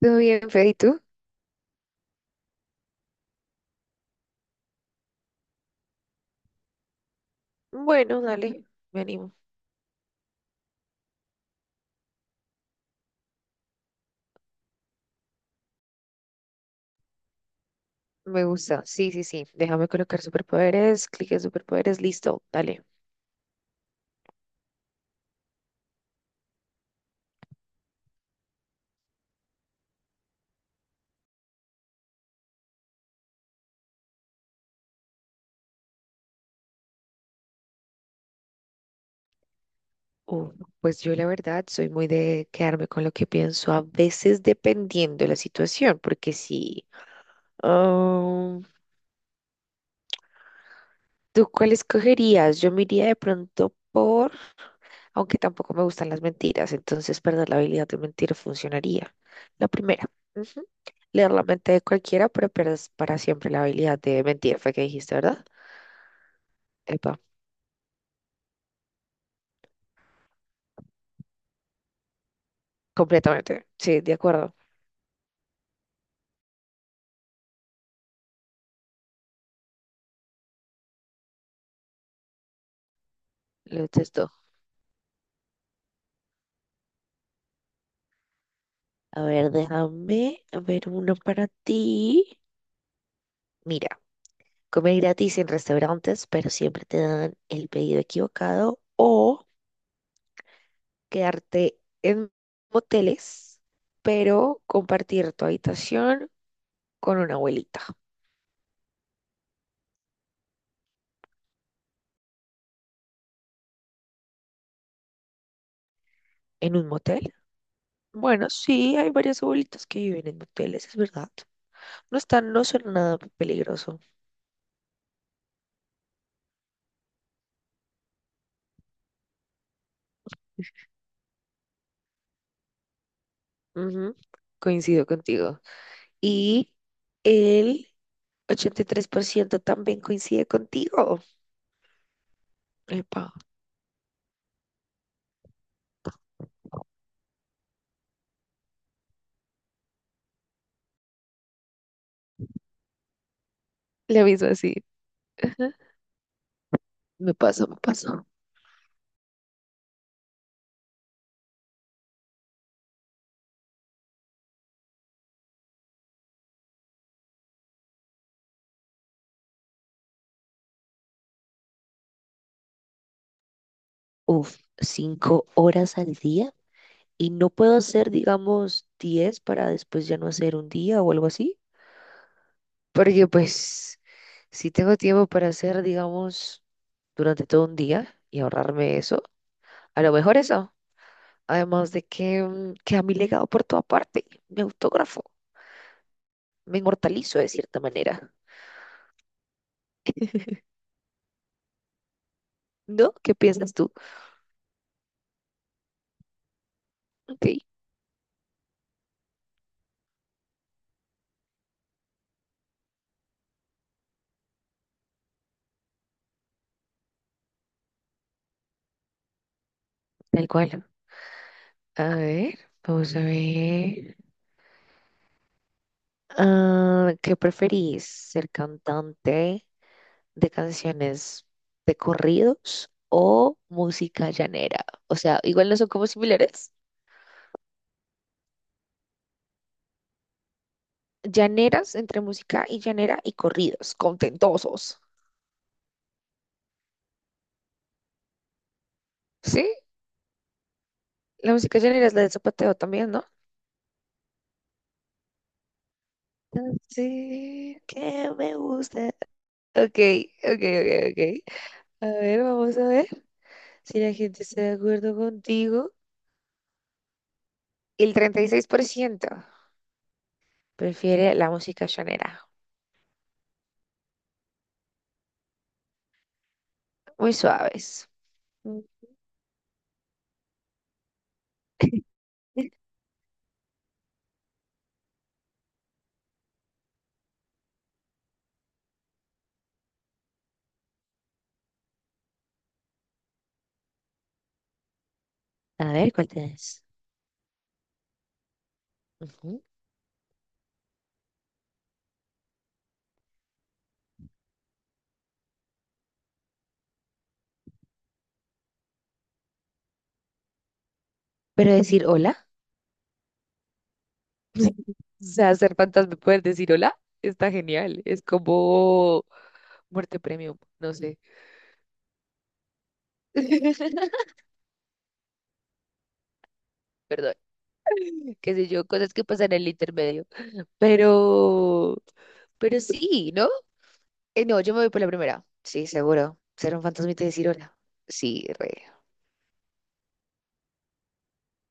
¿Todo bien, Fede? ¿Y tú? Bueno, dale, me animo. Me gusta. Sí, sí, sí. Déjame colocar superpoderes, clic en superpoderes, listo, dale. Uh, pues yo la verdad soy muy de quedarme con lo que pienso, a veces dependiendo de la situación, porque si... ah, ¿tú cuál escogerías? Yo me iría de pronto por... aunque tampoco me gustan las mentiras, entonces perder la habilidad de mentir funcionaría. La primera. Ujú. Leer la mente de cualquiera, pero pierdes para siempre la habilidad de mentir, fue que dijiste, ¿verdad? Epa, completamente. Sí, de acuerdo. Lo detesto. A ver, déjame ver uno para ti. Mira, comer gratis en restaurantes, pero siempre te dan el pedido equivocado o quedarte en moteles, pero compartir tu habitación con una abuelita. ¿En un motel? Bueno, sí, hay varias abuelitas que viven en moteles, es verdad. No están, no son nada peligroso. Ujú. Coincido contigo. Y el 83% también coincide contigo. Epa, le aviso así. Me pasó, me pasó. Uf, 5 horas al día y no puedo hacer, digamos, 10 para después ya no hacer un día o algo así. Porque pues, si tengo tiempo para hacer, digamos, durante todo un día y ahorrarme eso. A lo mejor eso. Además de que queda mi legado por toda parte. Me autógrafo. Me inmortalizo de cierta manera. ¿No? ¿Qué piensas tú? Ok, tal cual. A ver, vamos a ver. Ah, ¿qué preferís? ¿Ser cantante de canciones de corridos o música llanera? O sea, igual no son como similares. Llaneras entre música y llanera y corridos, contentosos. ¿Sí? La música llanera es la del zapateo también, ¿no? Así que me gusta. Ok, ok, ok, ok. A ver, vamos a ver si la gente está de acuerdo contigo. El 36% prefiere la música llanera. Muy suaves. Mm. A ver, ¿cuál tenés? Ujú. Pero decir hola, o sea, hacer fantasma, poder decir hola, está genial. Es como muerte premium, no sé. Perdón. Qué sé yo, cosas que pasan en el intermedio. Pero, pero sí, ¿no? No, yo me voy por la primera. Sí, seguro. Ser un fantasmita y decir hola. Sí, re.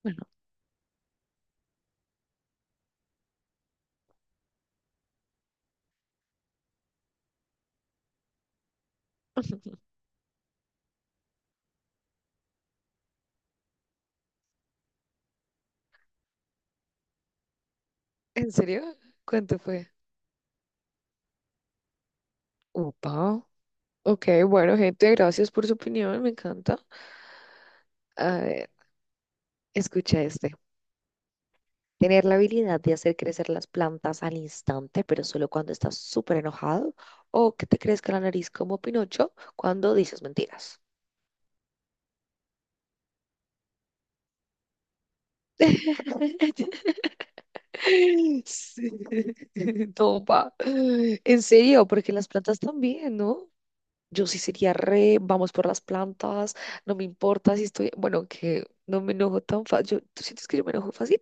Bueno, ¿en serio? ¿Cuánto fue? Upa. Ok, bueno, gente, gracias por su opinión, me encanta. A ver, escucha este, tener la habilidad de hacer crecer las plantas al instante, pero solo cuando estás súper enojado, o que te crezca la nariz como Pinocho cuando dices mentiras. Sí. No, pa. En serio, porque las plantas también, ¿no? Yo sí sería re, vamos por las plantas, no me importa si estoy, bueno, que no me enojo tan fácil. ¿Tú sientes que yo me enojo fácil?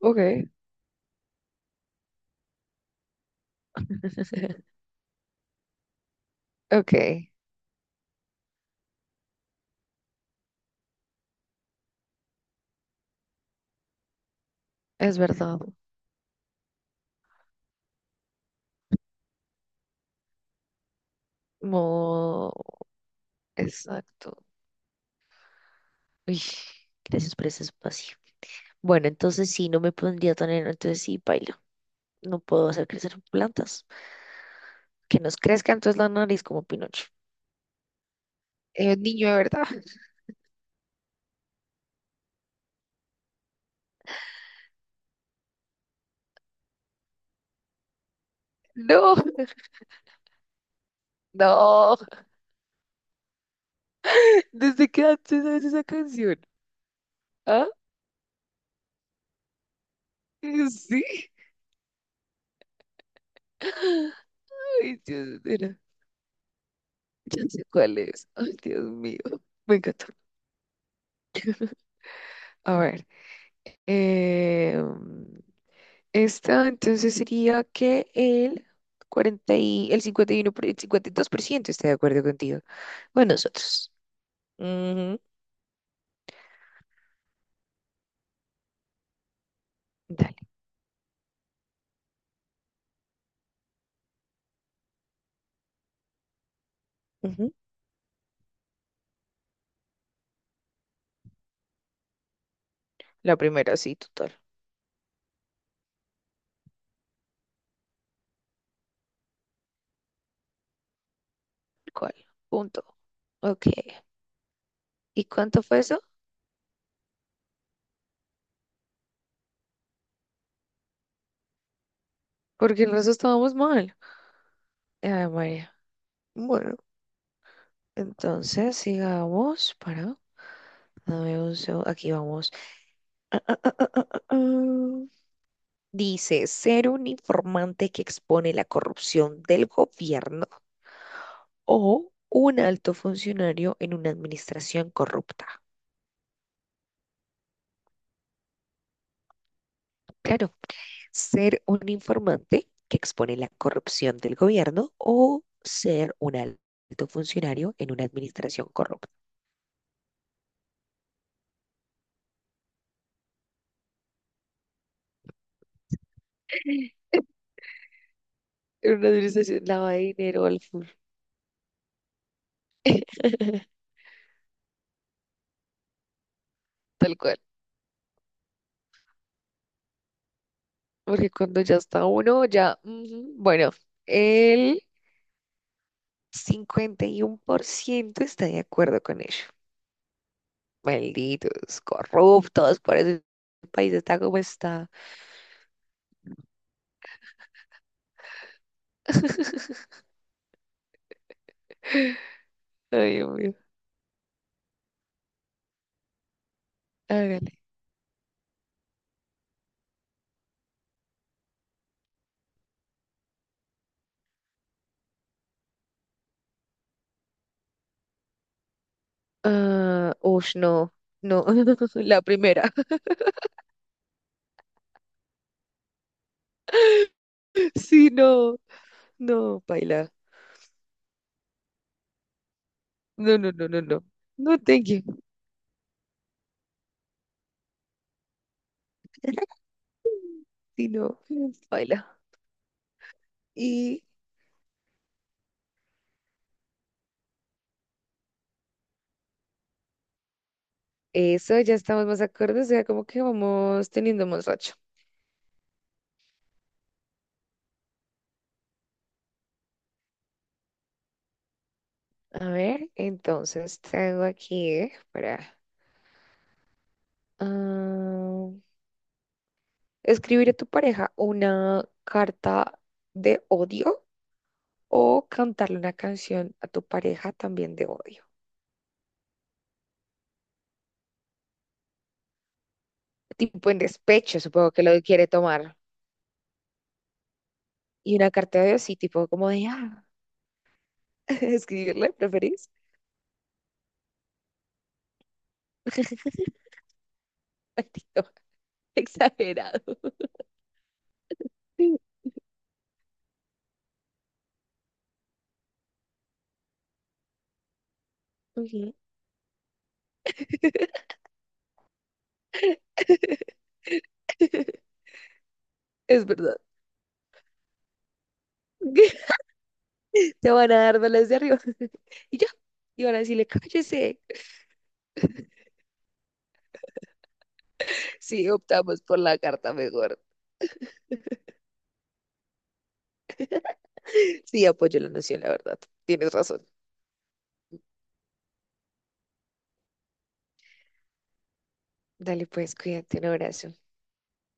Ok, ok, es verdad. Mo- Exacto. Uy, gracias por ese espacio. Bueno, entonces sí, no me pondría tan entonces sí, bailo. No puedo hacer crecer plantas. Que nos crezca entonces la nariz como Pinocho. Es niño de verdad. No. No, ¿desde que antes sabes esa canción? ¿Ah? Sí. Ay, Dios, mira, ya sé cuál es. Ay, Dios mío, me encantó. A ver, eh, esta entonces sería que el 40 y el 51 por- el 52% está de acuerdo contigo. Bueno, nosotros. Ujú. Dale. Ujú. La primera, sí, total. ¿Cuál? Punto. Ok. ¿Y cuánto fue eso? Porque el resto estábamos mal. Ay, María. Bueno. Entonces, sigamos para. Dame un segundo. Aquí vamos. Ah, ah, ah, ah, ah. Dice, ser un informante que expone la corrupción del gobierno o un alto funcionario en una administración corrupta. Claro, ser un informante que expone la corrupción del gobierno o ser un alto funcionario en una administración corrupta. En una administración lava de dinero, tal cual. Porque cuando ya está uno, ya. Ujú. Bueno, el 51% está de acuerdo con ello. Malditos, corruptos, por eso el país está como está. Ay, Dios mío. Hágale. Ah, ush, no, no, la primera. Sí, no, no, baila. No, no, no, no, no. No, thank you. Sí, no, baila. Y eso, ya estamos más acordes, o sea, como que vamos teniendo más racha. A ver, entonces tengo aquí para ah, escribir a tu pareja una carta de odio o cantarle una canción a tu pareja también de odio. Tipo en despecho, supongo que lo quiere tomar. Y una carta de odio, sí, tipo como de, escribirle, ¿preferís? Maldito, exagerado. Sí, ujú. Es verdad. Te van a dar balas de arriba. Y ya. Y van a decirle, cállese. Sí, optamos por la carta mejor. Sí, apoyo la noción, la verdad. Tienes razón. Dale, pues, cuídate, un abrazo.